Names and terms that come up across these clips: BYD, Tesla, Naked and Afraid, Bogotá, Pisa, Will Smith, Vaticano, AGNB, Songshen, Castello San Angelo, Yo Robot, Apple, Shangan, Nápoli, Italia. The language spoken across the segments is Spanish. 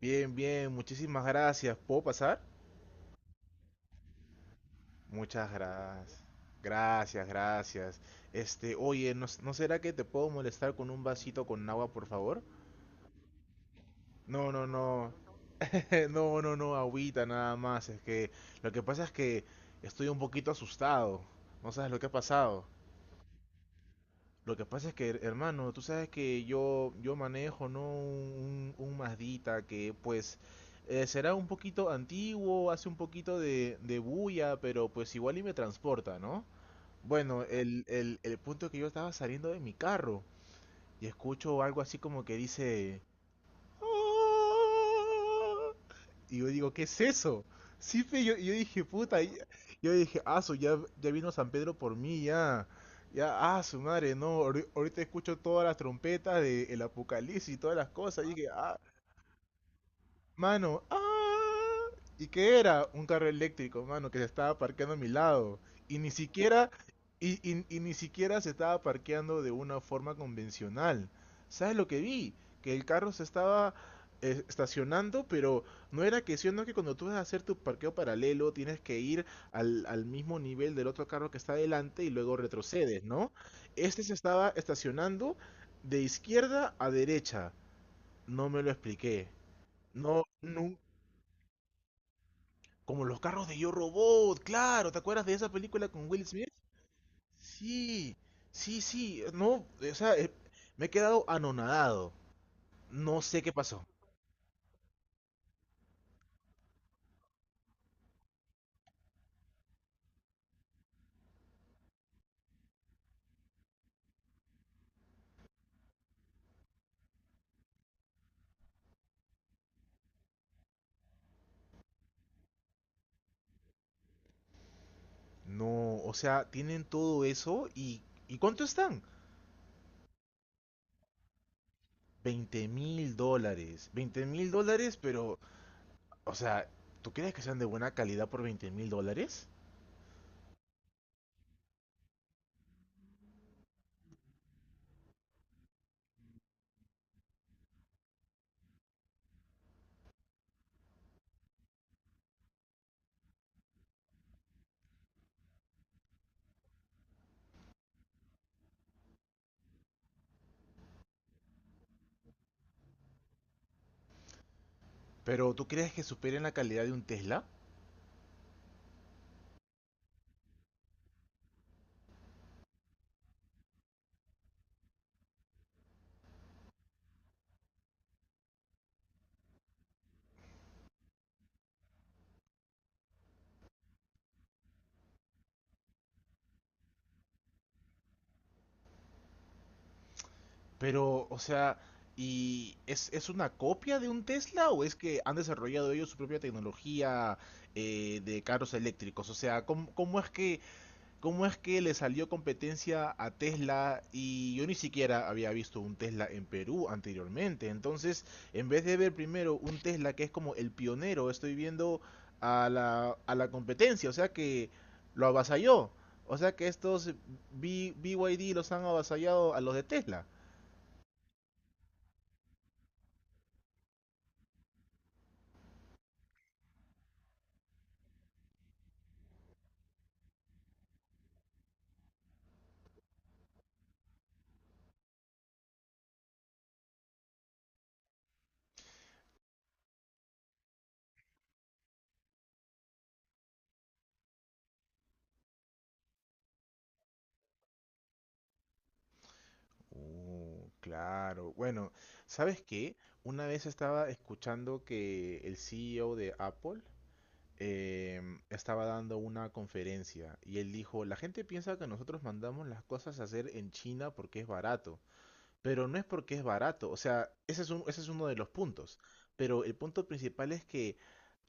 Bien, bien, muchísimas gracias. ¿Puedo pasar? Muchas gracias. Gracias, gracias. Oye, ¿no será que te puedo molestar con un vasito con agua, por favor? No, no, no. No, no, no, agüita nada más. Es que lo que pasa es que estoy un poquito asustado. No sabes lo que ha pasado. Lo que pasa es que, hermano, tú sabes que yo manejo, ¿no? Un Mazdita que, pues, será un poquito antiguo, hace un poquito de bulla, pero pues igual y me transporta, ¿no? Bueno, el punto es que yo estaba saliendo de mi carro y escucho algo así como que dice, ¡ah! Y yo digo, ¿qué es eso? Sí, fe, yo dije, puta, yo dije, ah, su, ya, ya vino San Pedro por mí, ya. Ya, ah, su madre, no, ahorita escucho todas las trompetas del Apocalipsis y todas las cosas. Y dije, ah, mano, ¡ah! ¿Y qué era? Un carro eléctrico, mano, que se estaba parqueando a mi lado. Y ni siquiera, y ni siquiera se estaba parqueando de una forma convencional. ¿Sabes lo que vi? Que el carro se estaba estacionando, pero no era que sino que cuando tú vas a hacer tu parqueo paralelo, tienes que ir al mismo nivel del otro carro que está adelante y luego retrocedes, ¿no? Este se estaba estacionando de izquierda a derecha. No me lo expliqué. No, nu como los carros de Yo Robot, claro, ¿te acuerdas de esa película con Will Smith? Sí, sí, sí, no, o sea, me he quedado anonadado, no sé qué pasó. No, o sea, tienen todo eso ¿y cuánto están? $20.000, $20.000, pero, o sea, ¿tú crees que sean de buena calidad por $20.000? Pero, ¿tú crees que superen la calidad de un Tesla? Pero, o sea, ¿y es una copia de un Tesla o es que han desarrollado ellos su propia tecnología de carros eléctricos? O sea, ¿cómo es que, cómo es que le salió competencia a Tesla? Y yo ni siquiera había visto un Tesla en Perú anteriormente. Entonces, en vez de ver primero un Tesla que es como el pionero, estoy viendo a la competencia, o sea que lo avasalló. O sea que estos BYD los han avasallado a los de Tesla. Claro. Bueno, ¿sabes qué? Una vez estaba escuchando que el CEO de Apple estaba dando una conferencia y él dijo, la gente piensa que nosotros mandamos las cosas a hacer en China porque es barato, pero no es porque es barato. O sea, ese es uno de los puntos. Pero el punto principal es que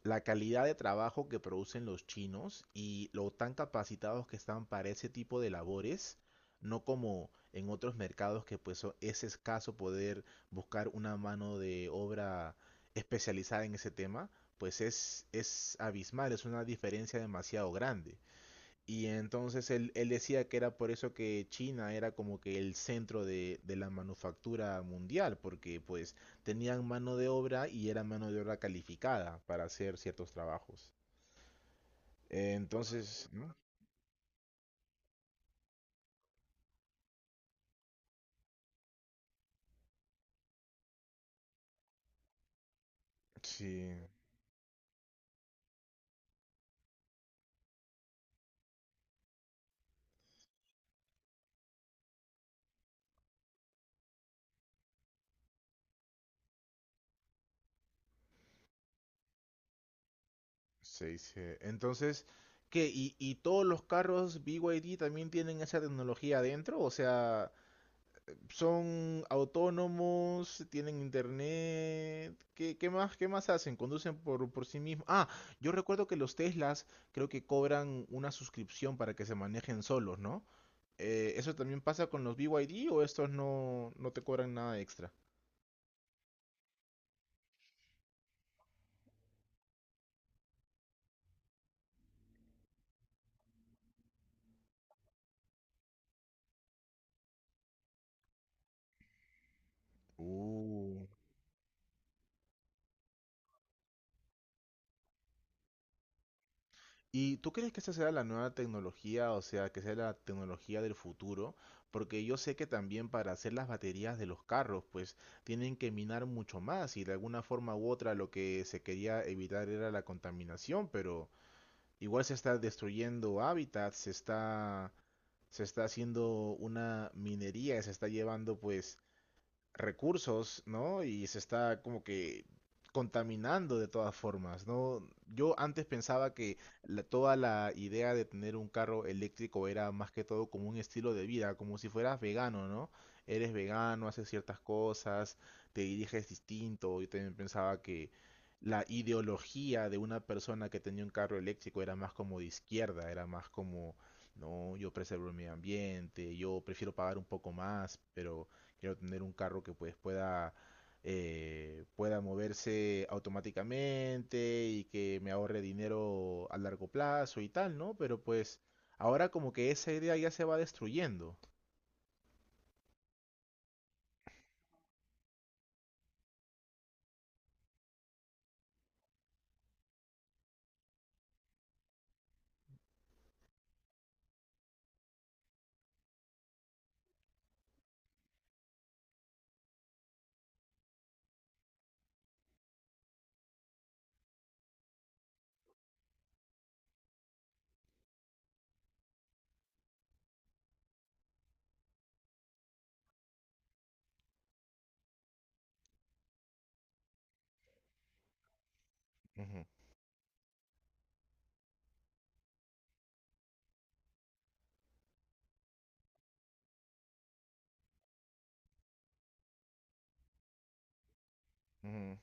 la calidad de trabajo que producen los chinos y lo tan capacitados que están para ese tipo de labores, no como en otros mercados que pues es escaso poder buscar una mano de obra especializada en ese tema, pues es abismal, es una diferencia demasiado grande. Y entonces él decía que era por eso que China era como que el centro de la manufactura mundial, porque pues tenían mano de obra y era mano de obra calificada para hacer ciertos trabajos. Entonces, ¿no? Sí, se dice. Entonces, ¿qué? ¿Y todos los carros BYD también tienen esa tecnología adentro? O sea, son autónomos, tienen internet. ¿Qué, qué más hacen? Conducen por sí mismos. Ah, yo recuerdo que los Teslas creo que cobran una suscripción para que se manejen solos, ¿no? ¿Eso también pasa con los BYD o estos no te cobran nada extra? Uh. ¿Y tú crees que esa sea la nueva tecnología, o sea, que sea la tecnología del futuro? Porque yo sé que también para hacer las baterías de los carros, pues tienen que minar mucho más y de alguna forma u otra lo que se quería evitar era la contaminación, pero igual se está destruyendo hábitats, se está haciendo una minería, se está llevando pues recursos, ¿no? Y se está como que contaminando de todas formas, ¿no? Yo antes pensaba que toda la idea de tener un carro eléctrico era más que todo como un estilo de vida, como si fueras vegano, ¿no? Eres vegano, haces ciertas cosas, te diriges distinto. Yo también pensaba que la ideología de una persona que tenía un carro eléctrico era más como de izquierda, era más como, no, yo preservo el medio ambiente, yo prefiero pagar un poco más, pero quiero tener un carro que pues pueda, pueda moverse automáticamente y que me ahorre dinero a largo plazo y tal, ¿no? Pero pues ahora como que esa idea ya se va destruyendo. Ujú, ujú.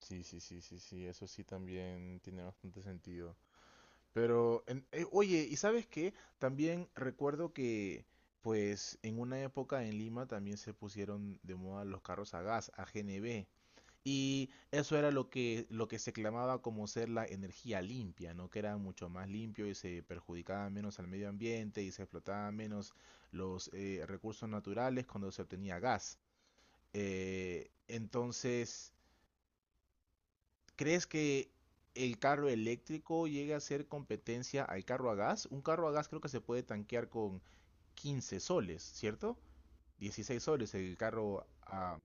Sí, sí, sí, sí, sí, eso sí también tiene bastante sentido. Pero, oye, ¿y sabes qué? También recuerdo que, pues, en una época en Lima también se pusieron de moda los carros a gas, a AGNB. Y eso era lo que se clamaba como ser la energía limpia, ¿no? Que era mucho más limpio y se perjudicaba menos al medio ambiente y se explotaban menos los recursos naturales cuando se obtenía gas. Entonces, ¿crees que el carro eléctrico llegue a ser competencia al carro a gas? Un carro a gas creo que se puede tanquear con 15 soles, ¿cierto? 16 soles el carro a,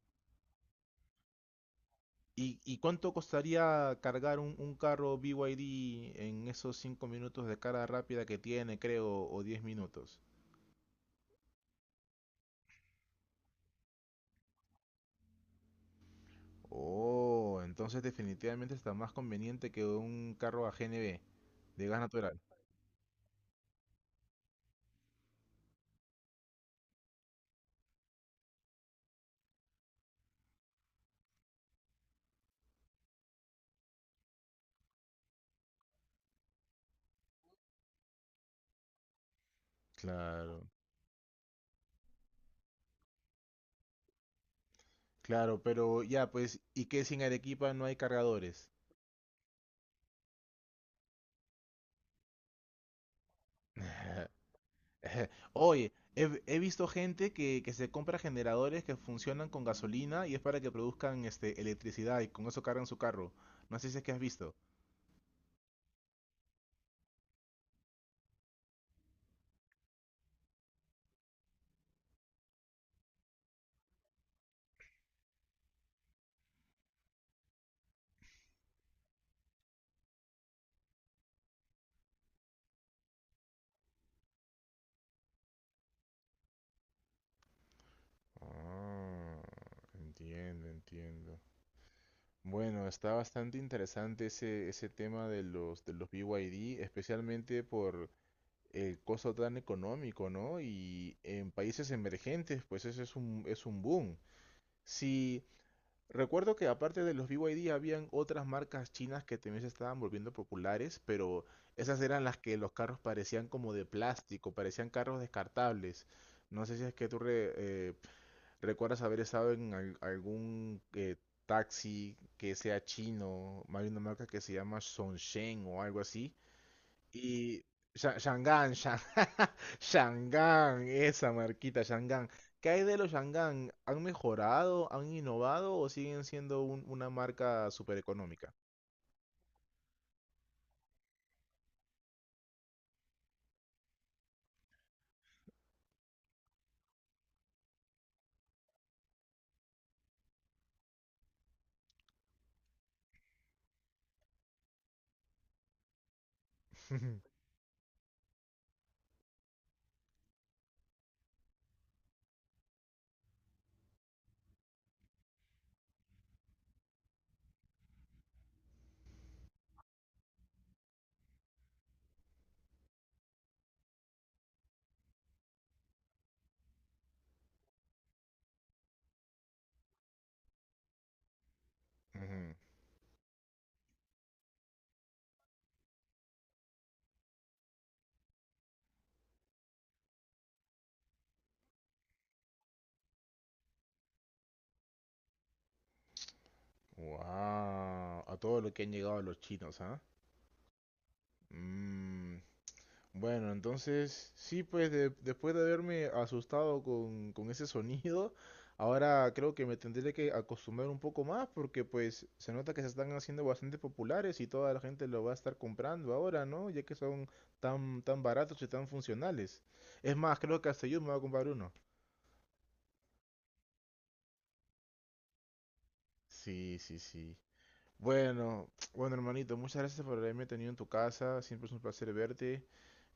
¿y cuánto costaría cargar un carro BYD en esos 5 minutos de carga rápida que tiene, creo, o 10 minutos? Oh, entonces definitivamente está más conveniente que un carro a G N GNB, de gas natural. Claro, claro, pero ya, pues, ¿y qué si en Arequipa no hay cargadores? Oye, he visto gente que se compra generadores que funcionan con gasolina y es para que produzcan este, electricidad y con eso cargan su carro. No sé si es que has visto. Ah, entiendo, entiendo. Bueno, está bastante interesante ese tema de los BYD, especialmente por el costo tan económico, ¿no? Y en países emergentes, pues eso es un boom. Sí, recuerdo que aparte de los BYD habían otras marcas chinas que también se estaban volviendo populares, pero esas eran las que los carros parecían como de plástico, parecían carros descartables. No sé si es que ¿recuerdas haber estado en algún taxi que sea chino? Hay una marca que se llama Songshen o algo así. Y Sha- Shangan, Shan- Shangan, esa marquita, Shangan. ¿Qué hay de los Shangan? ¿Han mejorado, han innovado o siguen siendo una marca súper económica? Wow, a todo lo que han llegado los chinos, ¿ah? Mm, bueno, entonces, sí, pues después de haberme asustado con ese sonido, ahora creo que me tendré que acostumbrar un poco más porque pues se nota que se están haciendo bastante populares y toda la gente lo va a estar comprando ahora, ¿no? Ya que son tan, tan baratos y tan funcionales. Es más, creo que hasta yo me voy a comprar uno. Sí, sí, sí. Bueno, bueno hermanito, muchas gracias por haberme tenido en tu casa, siempre es un placer verte.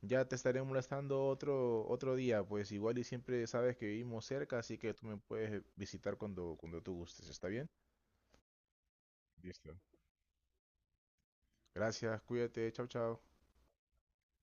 Ya te estaré molestando otro día, pues igual y siempre sabes que vivimos cerca, así que tú me puedes visitar cuando tú gustes, ¿está bien? Listo. Gracias, cuídate, chao, chao.